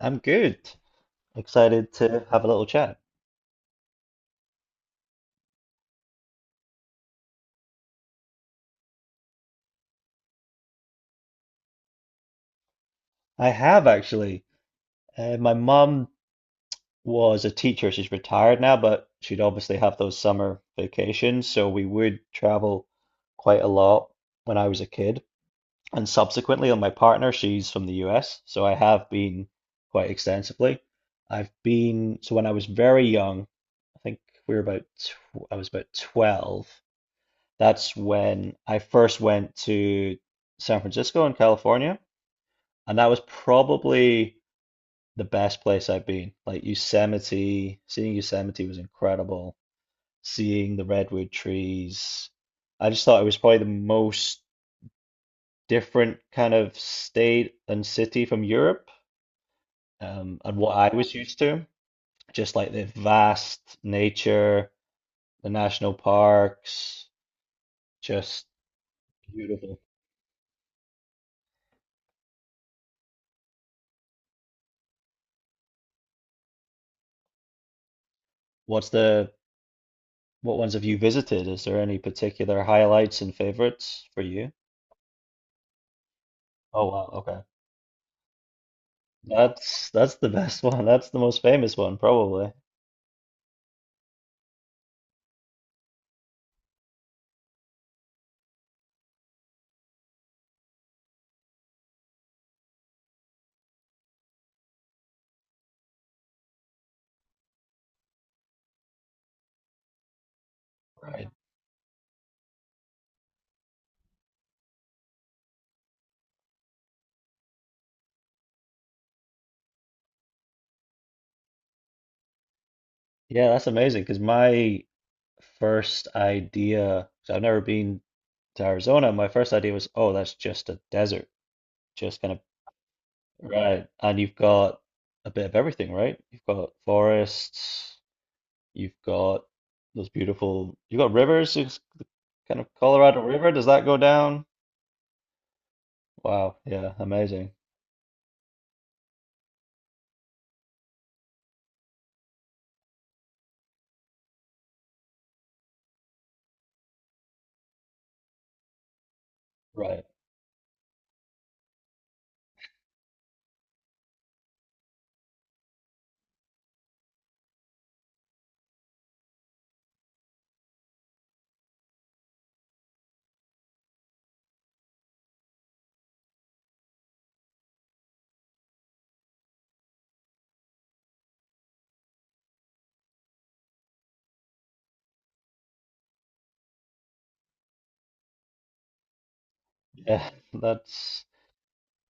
I'm good. Excited to have a little chat. I have actually. My mum was a teacher. She's retired now, but she'd obviously have those summer vacations. So we would travel quite a lot when I was a kid. And subsequently, on my partner, she's from the US. So I have been quite extensively. I've been, so when I was very young, I think we were about, tw I was about 12. That's when I first went to San Francisco in California. And that was probably the best place I've been. Like Yosemite, seeing Yosemite was incredible. Seeing the redwood trees. I just thought it was probably the most different kind of state and city from Europe, and what I was used to. Just like the vast nature, the national parks, just beautiful. What's the what ones have you visited? Is there any particular highlights and favorites for you? Oh wow, that's the best one. That's the most famous one, probably. Right. Yeah, that's amazing because my first idea, 'cause I've never been to Arizona, my first idea was, oh, that's just a desert, just kind of right. And you've got a bit of everything, right? You've got forests, you've got those beautiful, you've got rivers, it's the kind of Colorado River. Does that go down? Wow, yeah, amazing. Right. Yeah, that's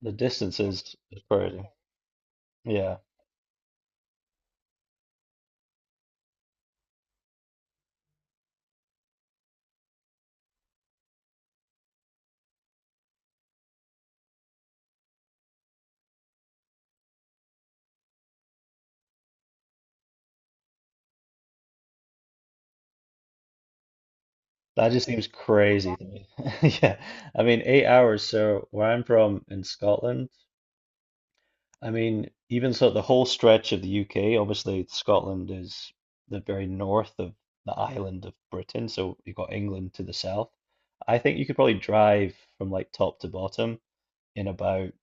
the distance is crazy. Yeah. That just seems crazy to me. Yeah. I mean, 8 hours. So where I'm from in Scotland, I mean, even so, the whole stretch of the UK, obviously Scotland is the very north of the island of Britain. So you've got England to the south. I think you could probably drive from like top to bottom in about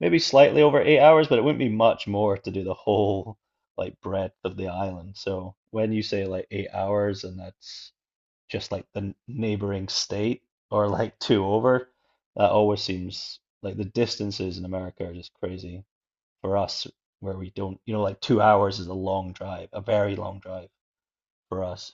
maybe slightly over 8 hours, but it wouldn't be much more to do the whole like breadth of the island. So when you say like 8 hours and that's just like the neighboring state or like two over. That always seems like the distances in America are just crazy for us, where we don't, you know, like 2 hours is a long drive, a very long drive for us.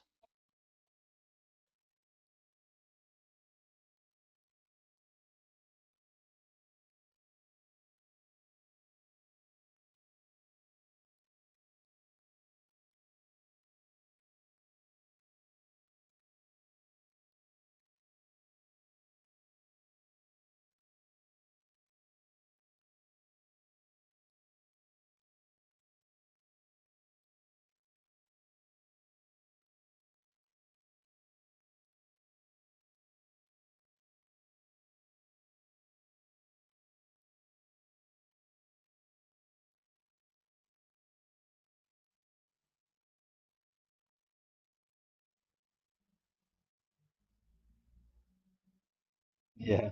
Yeah,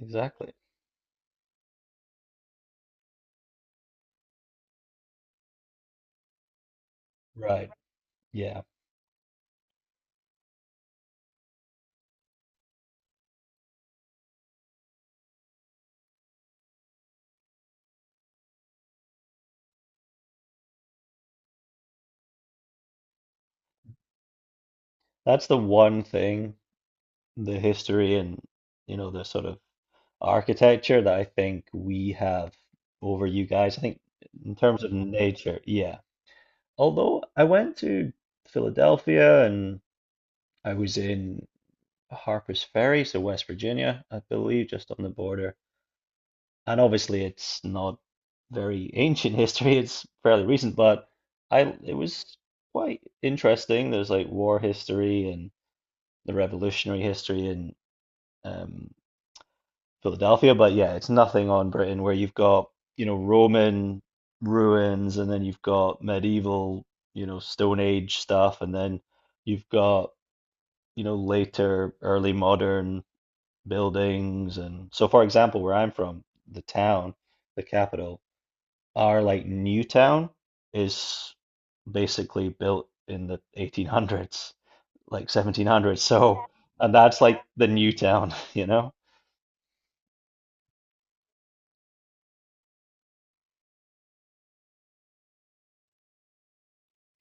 exactly. Right. Yeah. That's the one thing, the history and, you know, the sort of architecture that I think we have over you guys. I think in terms of nature, yeah. Although I went to Philadelphia and I was in Harpers Ferry, so West Virginia, I believe, just on the border. And obviously, it's not very ancient history; it's fairly recent, but I it was quite interesting. There's like war history and the revolutionary history in um, Philadelphia, but yeah, it's nothing on Britain where you've got, you know, Roman ruins and then you've got medieval, you know, Stone Age stuff, and then you've got, you know, later early modern buildings. And so, for example, where I'm from, the town the capital, our like new town is basically built in the 1800s, like 1700s. So and that's like the new town, you know.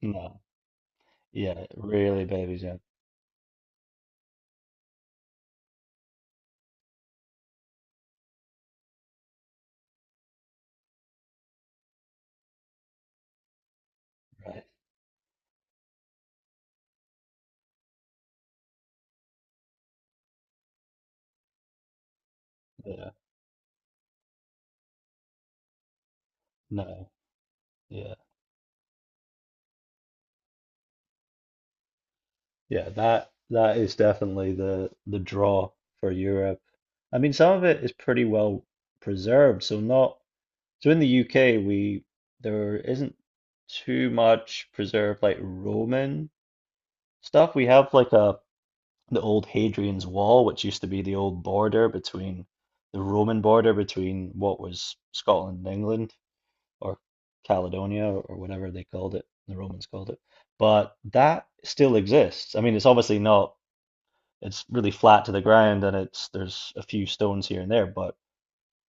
No, yeah, really babies, yeah. Right, yeah. No, yeah, yeah, that that is definitely the draw for Europe. I mean, some of it is pretty well preserved, so not. So in the UK, we there isn't too much preserved like Roman stuff. We have like a the old Hadrian's Wall, which used to be the old border between the Roman border between what was Scotland and England, or Caledonia or whatever they called it, the Romans called it. But that still exists. I mean, it's obviously not, it's really flat to the ground and it's there's a few stones here and there, but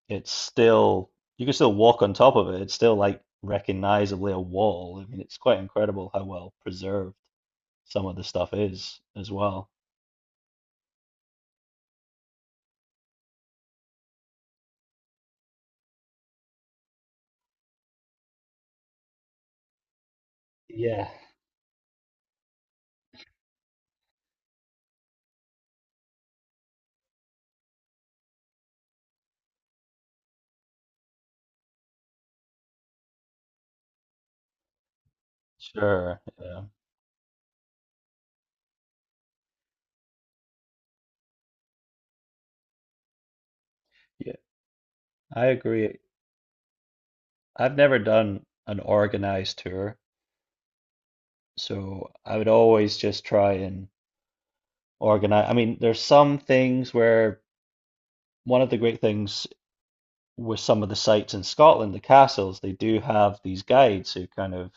it's still you can still walk on top of it. It's still like recognizably a wall. I mean, it's quite incredible how well preserved some of the stuff is as well. Yeah. Sure. Yeah. Yeah. I agree. I've never done an organized tour, so I would always just try and organize. I mean, there's some things where one of the great things with some of the sites in Scotland, the castles, they do have these guides who kind of.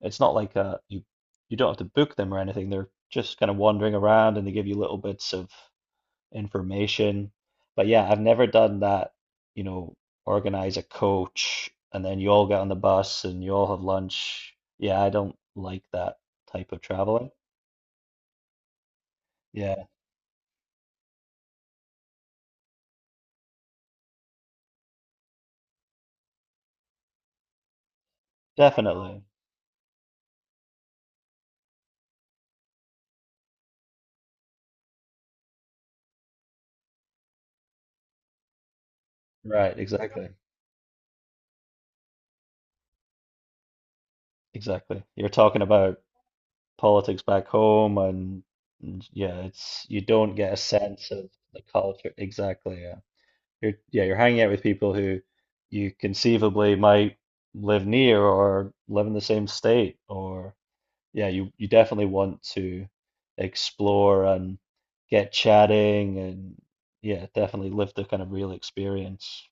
It's not like you you don't have to book them or anything. They're just kind of wandering around and they give you little bits of information. But yeah, I've never done that, you know, organize a coach and then you all get on the bus and you all have lunch. Yeah, I don't like that type of traveling. Yeah, definitely. Right, exactly. Exactly. You're talking about politics back home and yeah, it's you don't get a sense of the culture. Exactly, yeah. You're yeah, you're hanging out with people who you conceivably might live near or live in the same state or yeah, you definitely want to explore and get chatting and yeah, definitely live the kind of real experience.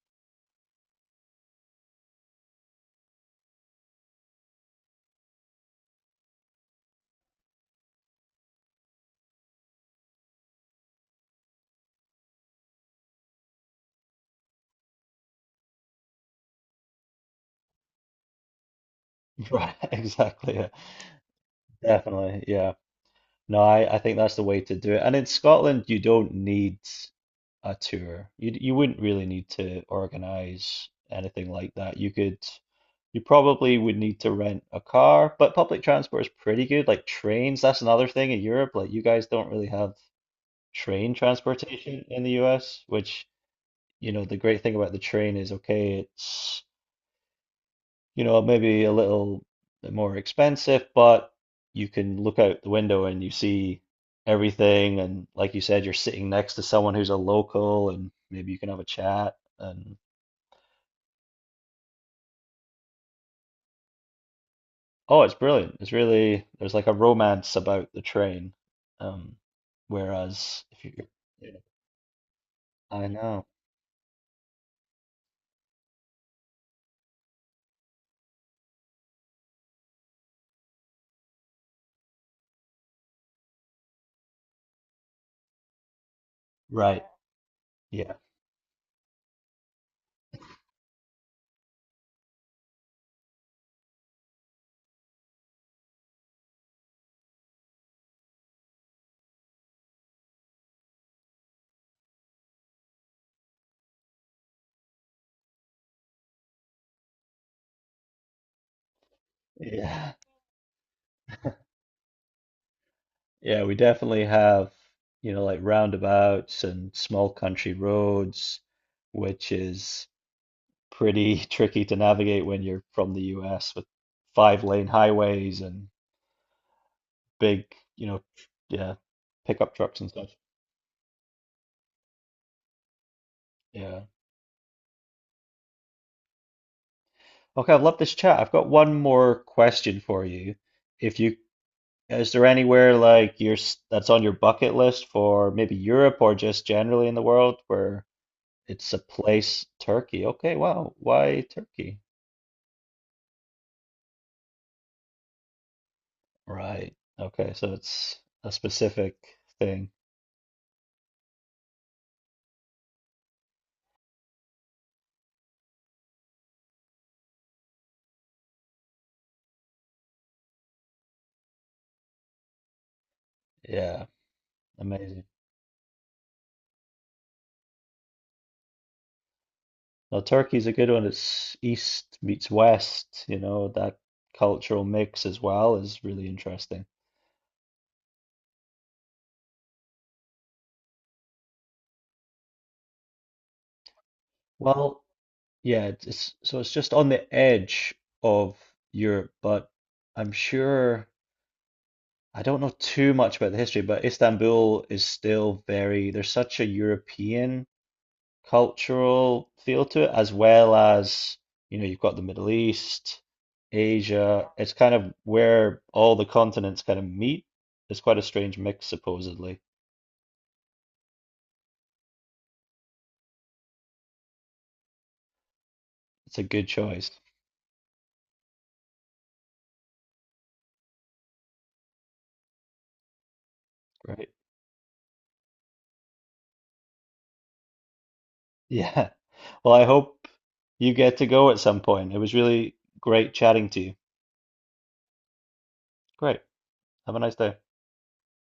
Right, exactly. Yeah, definitely. Yeah. No, I think that's the way to do it. And in Scotland, you don't need a tour. You you wouldn't really need to organize anything like that. You could. You probably would need to rent a car, but public transport is pretty good. Like trains, that's another thing in Europe. Like you guys don't really have train transportation in the US, which, you know, the great thing about the train is okay, it's, you know, maybe a little bit more expensive, but you can look out the window and you see everything. And like you said, you're sitting next to someone who's a local and maybe you can have a chat. And oh, it's brilliant. It's really there's like a romance about the train. Um, Whereas if you, yeah, I know, right? Yeah, yeah, yeah. We definitely have you know like roundabouts and small country roads, which is pretty tricky to navigate when you're from the US with five-lane highways and big you know yeah pickup trucks and stuff. Yeah. Okay, I've loved this chat. I've got one more question for you if you. Yeah, is there anywhere like your that's on your bucket list for maybe Europe or just generally in the world where it's a place, Turkey? Okay, wow. Why Turkey? Right. Okay, so it's a specific thing. Yeah, amazing. Now Turkey's a good one. It's east meets west, you know, that cultural mix as well is really interesting. Well, yeah, it's- so it's just on the edge of Europe, but I'm sure I don't know too much about the history, but Istanbul is still very, there's such a European cultural feel to it, as well as, you know, you've got the Middle East, Asia. It's kind of where all the continents kind of meet. It's quite a strange mix, supposedly. It's a good choice. Right? Yeah. Well, I hope you get to go at some point. It was really great chatting to you. Great. Have a nice day.